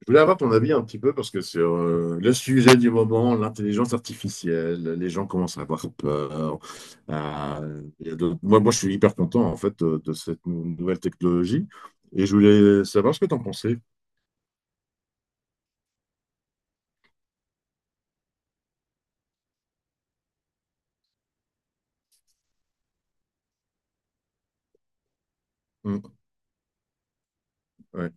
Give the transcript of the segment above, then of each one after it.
Je voulais avoir ton avis un petit peu parce que sur le sujet du moment, l'intelligence artificielle, les gens commencent à avoir peur. Il y a d'autres- moi, moi, Je suis hyper content en fait de cette nouvelle technologie et je voulais savoir ce que tu en pensais. Mm. Ouais,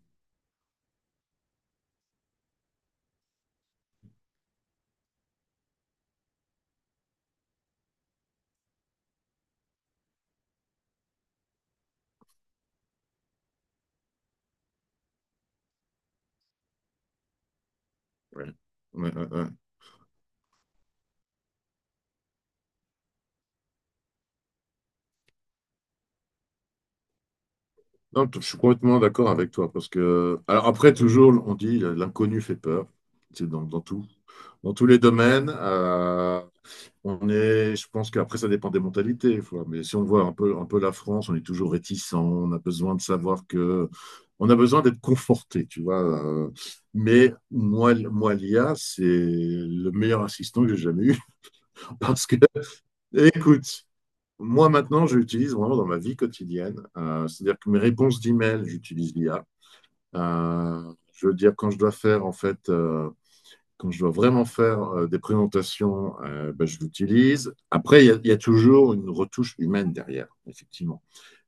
ouais, ouais, ouais, ouais. Non, t- Je suis complètement d'accord avec toi parce que, alors après, toujours, on dit l'inconnu fait peur. C'est dans tout, dans tous les domaines. Je pense qu'après, ça dépend des mentalités des fois. Mais si on voit un peu la France, on est toujours réticent. On a besoin de savoir que. On a besoin d'être conforté, tu vois. Mais moi, l'IA, c'est le meilleur assistant que j'ai jamais eu. Parce que, Écoute, moi, maintenant, je l'utilise vraiment dans ma vie quotidienne. C'est-à-dire que mes réponses d'email, j'utilise l'IA. Je veux dire, quand je dois faire, en fait. Quand je dois vraiment faire des présentations, ben, je l'utilise. Après, y a toujours une retouche humaine derrière, effectivement.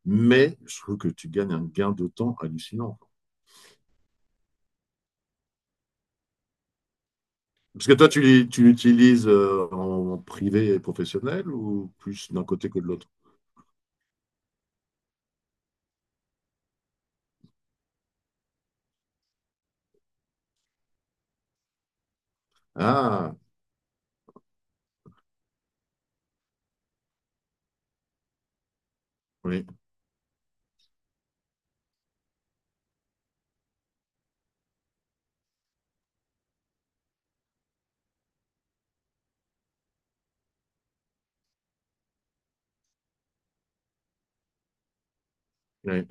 Mais je trouve que tu gagnes un gain de temps hallucinant. Parce que toi, tu l'utilises en privé et professionnel ou plus d'un côté que de l'autre? Ah, oui, oui,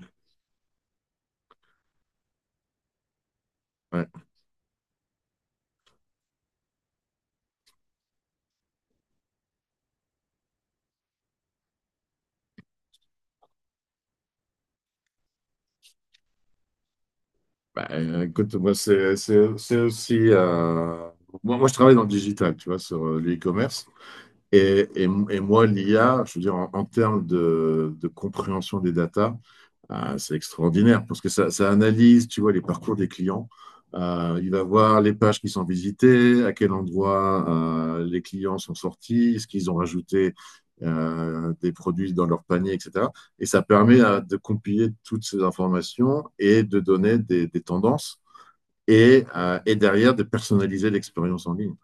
ouais. Bah, écoute, moi, c'est aussi. Moi, je travaille dans le digital, tu vois, sur l'e-commerce. Et moi, l'IA, je veux dire, en, en termes de compréhension des datas, c'est extraordinaire parce que ça analyse, tu vois, les parcours des clients. Il va voir les pages qui sont visitées, à quel endroit les clients sont sortis, ce qu'ils ont rajouté des produits dans leur panier, etc. Et ça permet de compiler toutes ces informations et de donner des tendances et et derrière de personnaliser l'expérience en ligne.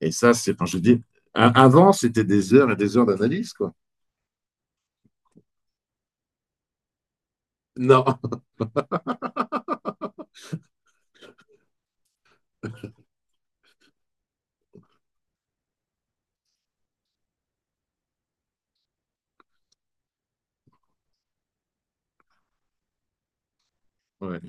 Et ça, c'est, enfin, je dis, avant, c'était des heures et des heures d'analyse, quoi. Non. Ouais,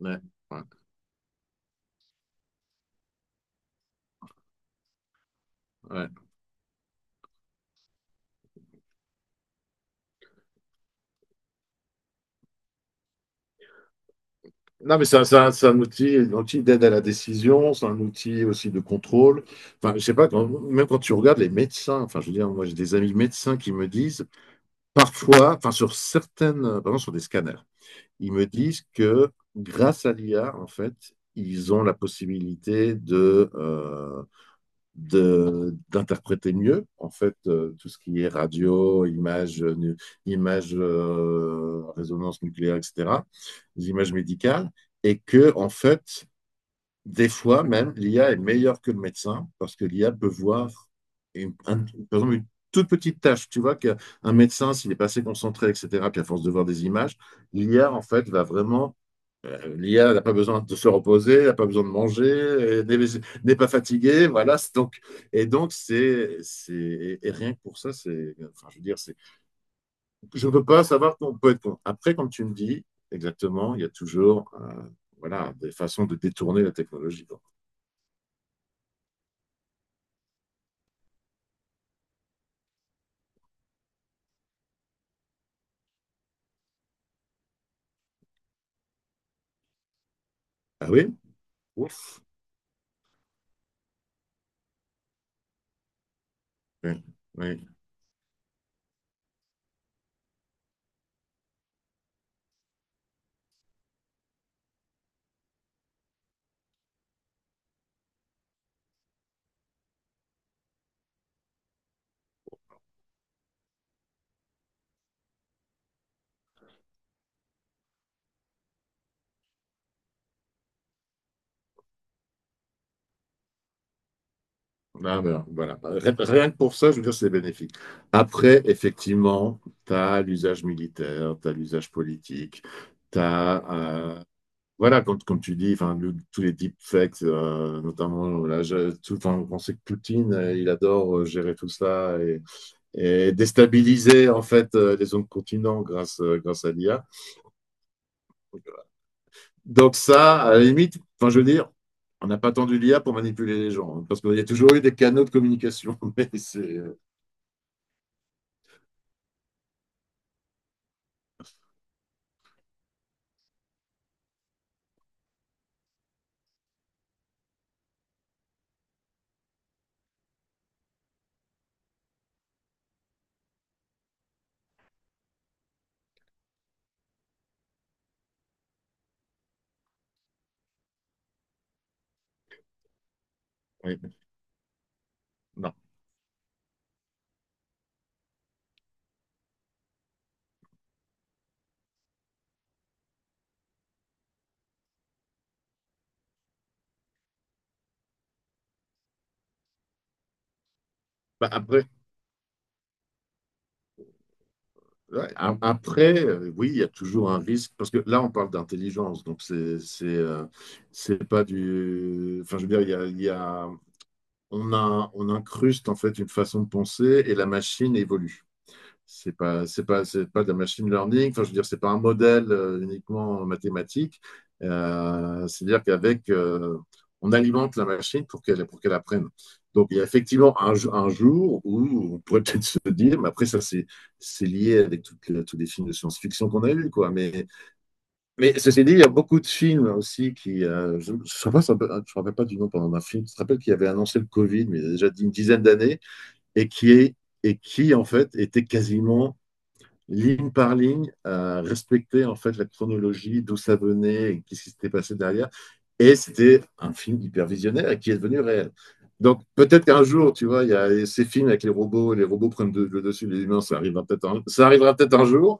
ouais, ouais, ouais. Non, mais c'est un- Outil, un outil d'aide à la décision, c'est un outil aussi de contrôle. Enfin, je sais pas, même quand tu regardes les médecins, enfin, je veux dire, moi, j'ai des amis médecins qui me disent, parfois, enfin, sur certaines, par exemple, sur des scanners, ils me disent que grâce à l'IA, en fait, ils ont la possibilité de, d'interpréter mieux en fait tout ce qui est radio, images, images, résonance nucléaire, etc., les images médicales, et que en fait des fois même l'IA est meilleure que le médecin parce que l'IA peut voir une, un- par exemple, une toute petite tâche. Tu vois qu'un médecin s'il est pas assez concentré, etc., puis à force de voir des images, l'IA en fait va vraiment L'IA n'a pas besoin de se reposer, n'a pas besoin de manger, n'est pas fatiguée, voilà. Et donc, c'est, c'est, et rien que pour ça, c'est, enfin, je veux dire, c'est, je ne peux pas savoir qu'on peut être con. Après, comme tu me dis, exactement, il y a toujours, voilà, des façons de détourner la technologie, quoi. Ah oui? Ouf. Oui. Oui. Ah, ben, voilà. Rien que pour ça, je veux dire, c'est bénéfique. Après, effectivement, tu as l'usage militaire, tu as l'usage politique, tu as Voilà, comme tu dis, enfin, tous les deepfakes, notamment, là, tout, enfin, on sait que Poutine, il adore gérer tout ça et déstabiliser en fait les zones continents grâce, grâce à l'IA. Donc ça, à la limite, enfin, je veux dire, on n'a pas attendu l'IA pour manipuler les gens, hein, parce qu'il y a toujours eu des canaux de communication. Mais c'est, oui, non. Bah, après, Après, oui, il y a toujours un risque, parce que là, on parle d'intelligence, donc c'est c'est pas du... Enfin, je veux dire, on a, on incruste en fait une façon de penser et la machine évolue. C'est pas de la machine learning. Enfin, je veux dire, c'est pas un modèle uniquement mathématique. Euh, c'est-à-dire qu'avec, euh, on alimente la machine pour qu'elle apprenne. Donc, il y a effectivement un jour où on pourrait peut-être se dire, mais après ça, c'est lié avec tous les films de science-fiction qu'on a eus, quoi. Mais ceci dit, il y a beaucoup de films aussi qui, je ne me rappelle pas du nom pendant d'un film. Je te rappelle qu'il avait annoncé le Covid, mais il y a déjà une dizaine d'années, et qui est et qui en fait était quasiment ligne par ligne, à respecter en fait la chronologie, d'où ça venait, et qu'est-ce qui s'était passé derrière. Et c'était un film hyper visionnaire et qui est devenu réel. Donc peut-être qu'un jour, tu vois, il y a ces films avec les robots prennent le dessus, les humains, ça arrivera peut-être un jour.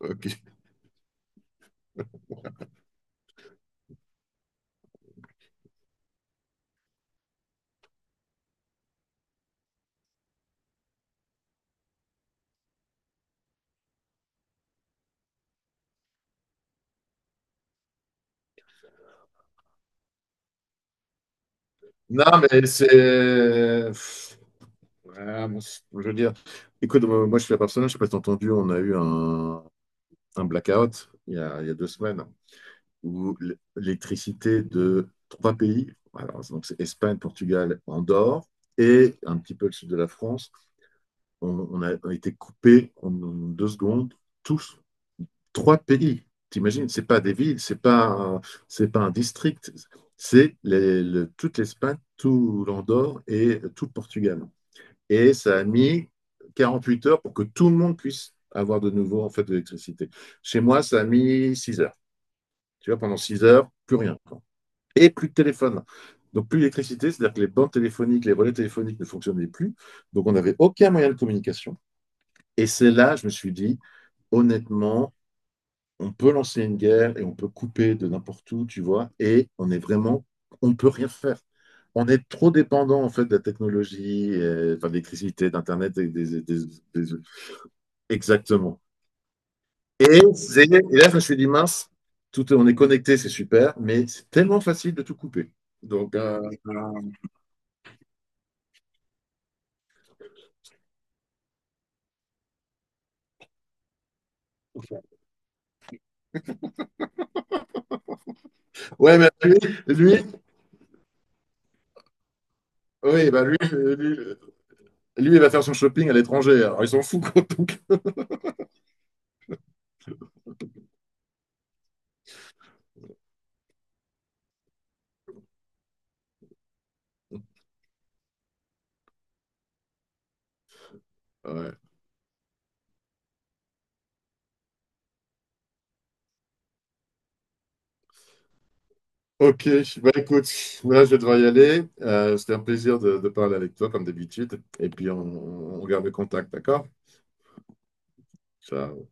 Ok. Non, mais c'est... Ouais, bon, je veux dire, écoute, moi je suis la personne, je ne sais pas si t'as entendu, on a eu un blackout il y a 2 semaines, où l'électricité de 3 pays, alors, donc c'est Espagne, Portugal, Andorre, et un petit peu le sud de la France, a été coupé en 2 secondes, tous, 3 pays. T'imagines, c'est pas des villes, c'est pas un district, c'est toute l'Espagne, tout l'Andorre et tout le Portugal. Et ça a mis 48 heures pour que tout le monde puisse avoir de nouveau en fait de l'électricité. Chez moi, ça a mis 6 heures. Tu vois, pendant 6 heures, plus rien et plus de téléphone. Donc plus d'électricité, c'est-à-dire que les bandes téléphoniques, les relais téléphoniques ne fonctionnaient plus. Donc on n'avait aucun moyen de communication. Et c'est là, je me suis dit, honnêtement, on peut lancer une guerre et on peut couper de n'importe où, tu vois, et on est vraiment, on ne peut rien faire. On est trop dépendant en fait de la technologie, et, enfin, de l'électricité, d'internet, des- exactement. Et là, je me suis dit mince, tout, on est connecté, c'est super, mais c'est tellement facile de tout couper. Donc euh, Ouais, mais lui, oui, bah lui, il va faire son shopping à l'étranger. Alors, il s'en fout, quoi, donc. Ouais. Ok, bah écoute, là, je vais devoir y aller. C'était un plaisir de parler avec toi, comme d'habitude. Et puis, on garde le contact, d'accord? Ciao.